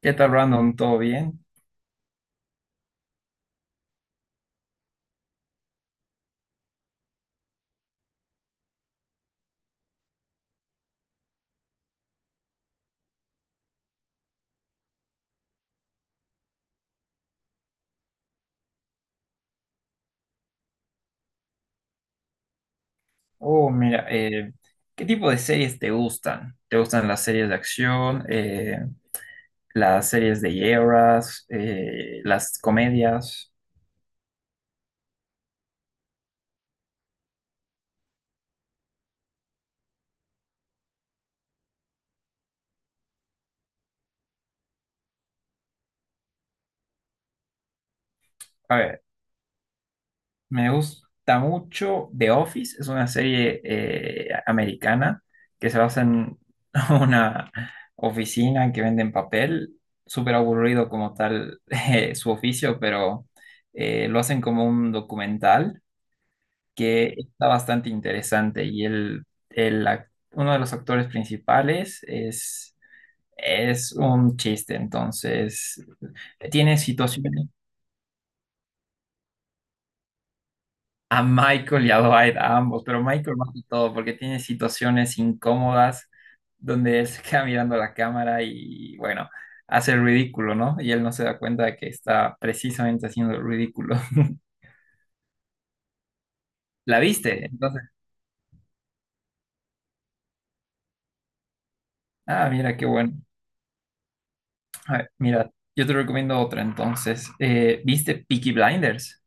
¿Qué tal, Brandon? ¿Todo bien? Oh, mira, ¿qué tipo de series te gustan? ¿Te gustan las series de acción, las series de guerras, las comedias? A ver, me gusta mucho The Office, es una serie americana que se basa en una oficina que venden papel, súper aburrido como tal su oficio, pero lo hacen como un documental que está bastante interesante y uno de los actores principales es un chiste, entonces tiene situaciones a Michael y a Dwight, a ambos, pero Michael más que todo porque tiene situaciones incómodas donde él se queda mirando la cámara y bueno, hace el ridículo, ¿no? Y él no se da cuenta de que está precisamente haciendo el ridículo. ¿La viste? Entonces, ah, mira, qué bueno. A ver, mira, yo te recomiendo otra entonces. ¿Viste Peaky Blinders?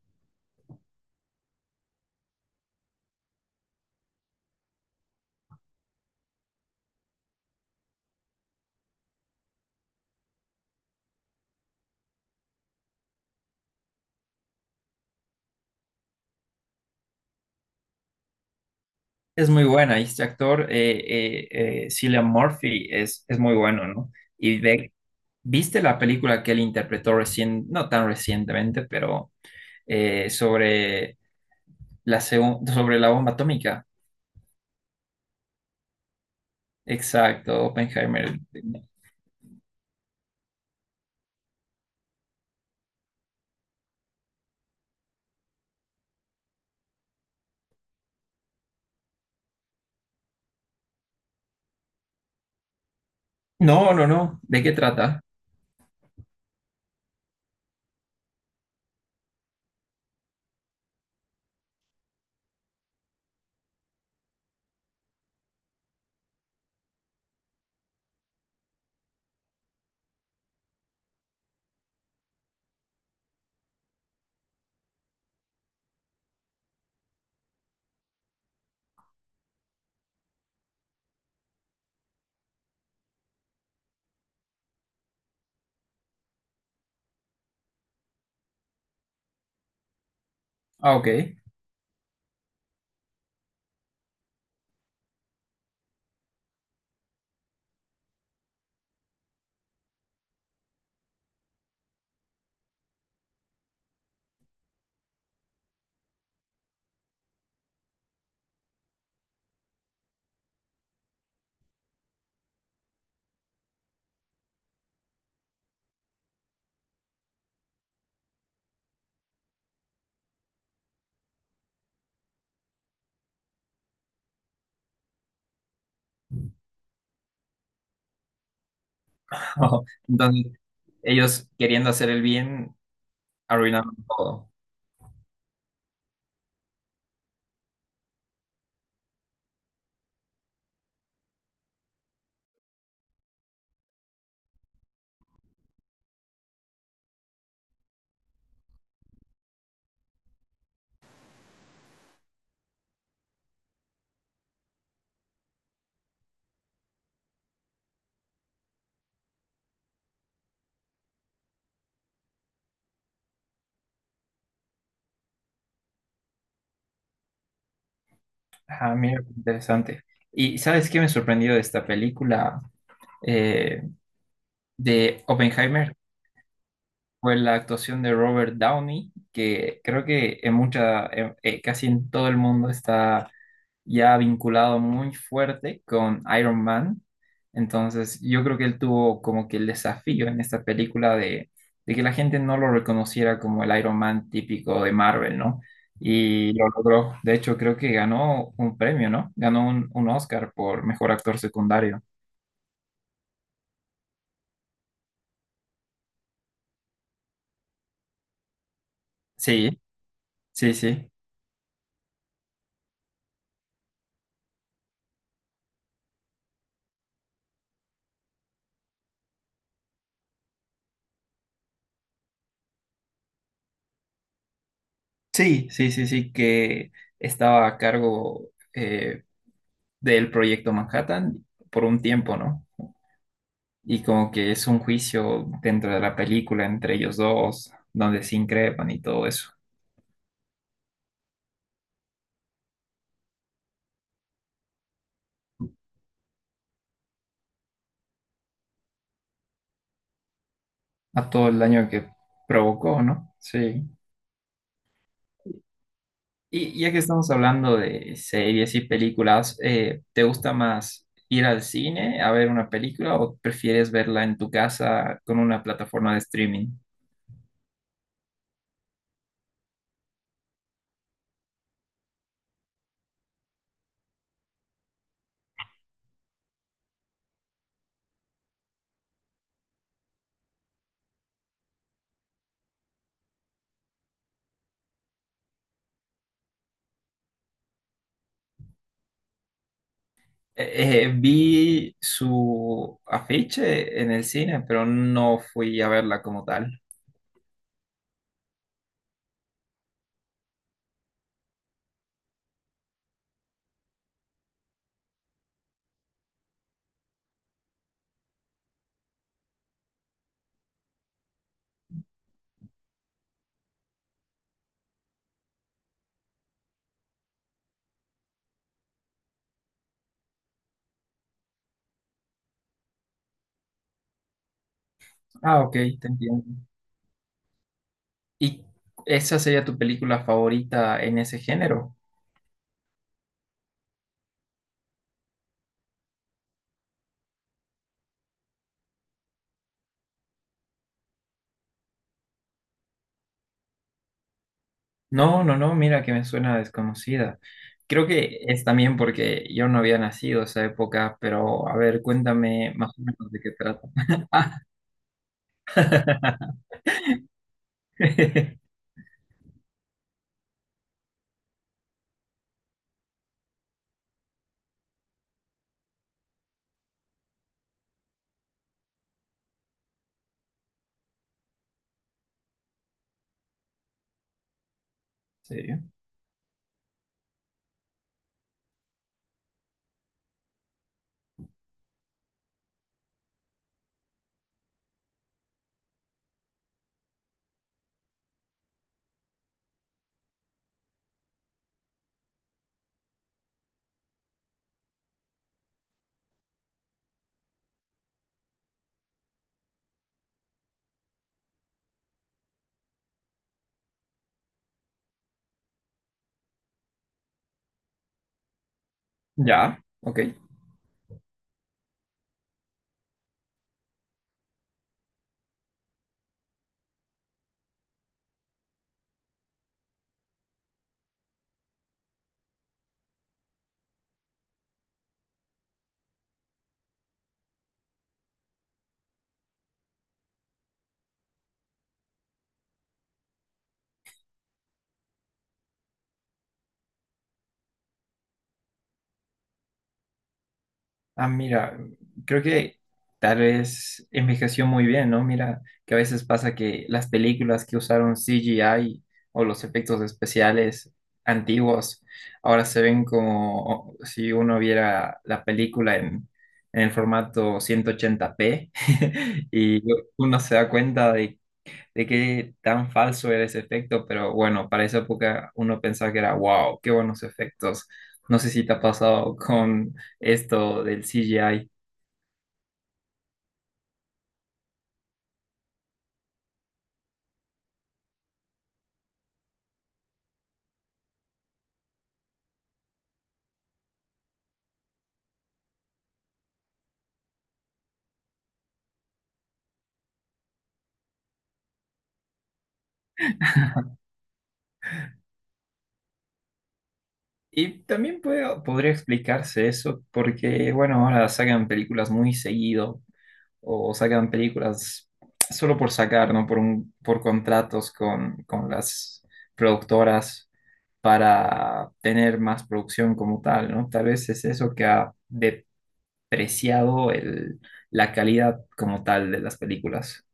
Es muy buena, y este actor, Cillian Murphy, es muy bueno, ¿no? Y ve- ¿Viste la película que él interpretó recién, no tan recientemente, pero sobre sobre la bomba atómica? Exacto, Oppenheimer. No, no, no. ¿De qué trata? Ah, ok. Entonces, ellos queriendo hacer el bien, arruinando todo. Ajá, mira, qué interesante. ¿Y sabes qué me sorprendió de esta película eh, de Oppenheimer? Fue la actuación de Robert Downey, que creo que casi en todo el mundo está ya vinculado muy fuerte con Iron Man. Entonces, yo creo que él tuvo como que el desafío en esta película de que la gente no lo reconociera como el Iron Man típico de Marvel, ¿no? Y lo logró. De hecho, creo que ganó un premio, ¿no? Ganó un Oscar por mejor actor secundario. Sí, sí, sí. Sí, sí, sí, sí, que estaba a cargo del proyecto Manhattan por un tiempo, ¿no? Y como que es un juicio dentro de la película entre ellos dos, donde se increpan y todo eso, a todo el daño que provocó, ¿no? Sí. Y ya que estamos hablando de series y películas, ¿te gusta más ir al cine a ver una película o prefieres verla en tu casa con una plataforma de streaming? Vi su afiche en el cine, pero no fui a verla como tal. Ah, ok, te entiendo. ¿Y esa sería tu película favorita en ese género? No, no, no, mira que me suena desconocida. Creo que es también porque yo no había nacido esa época, pero a ver, cuéntame más o menos de qué trata. Ah. ¿En Ya, ok. Ah, mira, creo que tal vez envejeció muy bien, ¿no? Mira, que a veces pasa que las películas que usaron CGI o los efectos especiales antiguos ahora se ven como si uno viera la película en el formato 180p y uno se da cuenta de qué tan falso era ese efecto, pero bueno, para esa época uno pensaba que era, wow, qué buenos efectos. No sé si te ha pasado con esto del CGI. Y también podría explicarse eso porque, bueno, ahora sacan películas muy seguido o sacan películas solo por sacar, ¿no? Por contratos con las productoras para tener más producción como tal, ¿no? Tal vez es eso que apreciado la calidad como tal de las películas.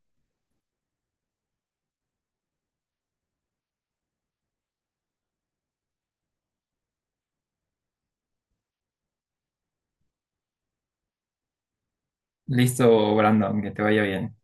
Listo, Brandon, que te vaya bien.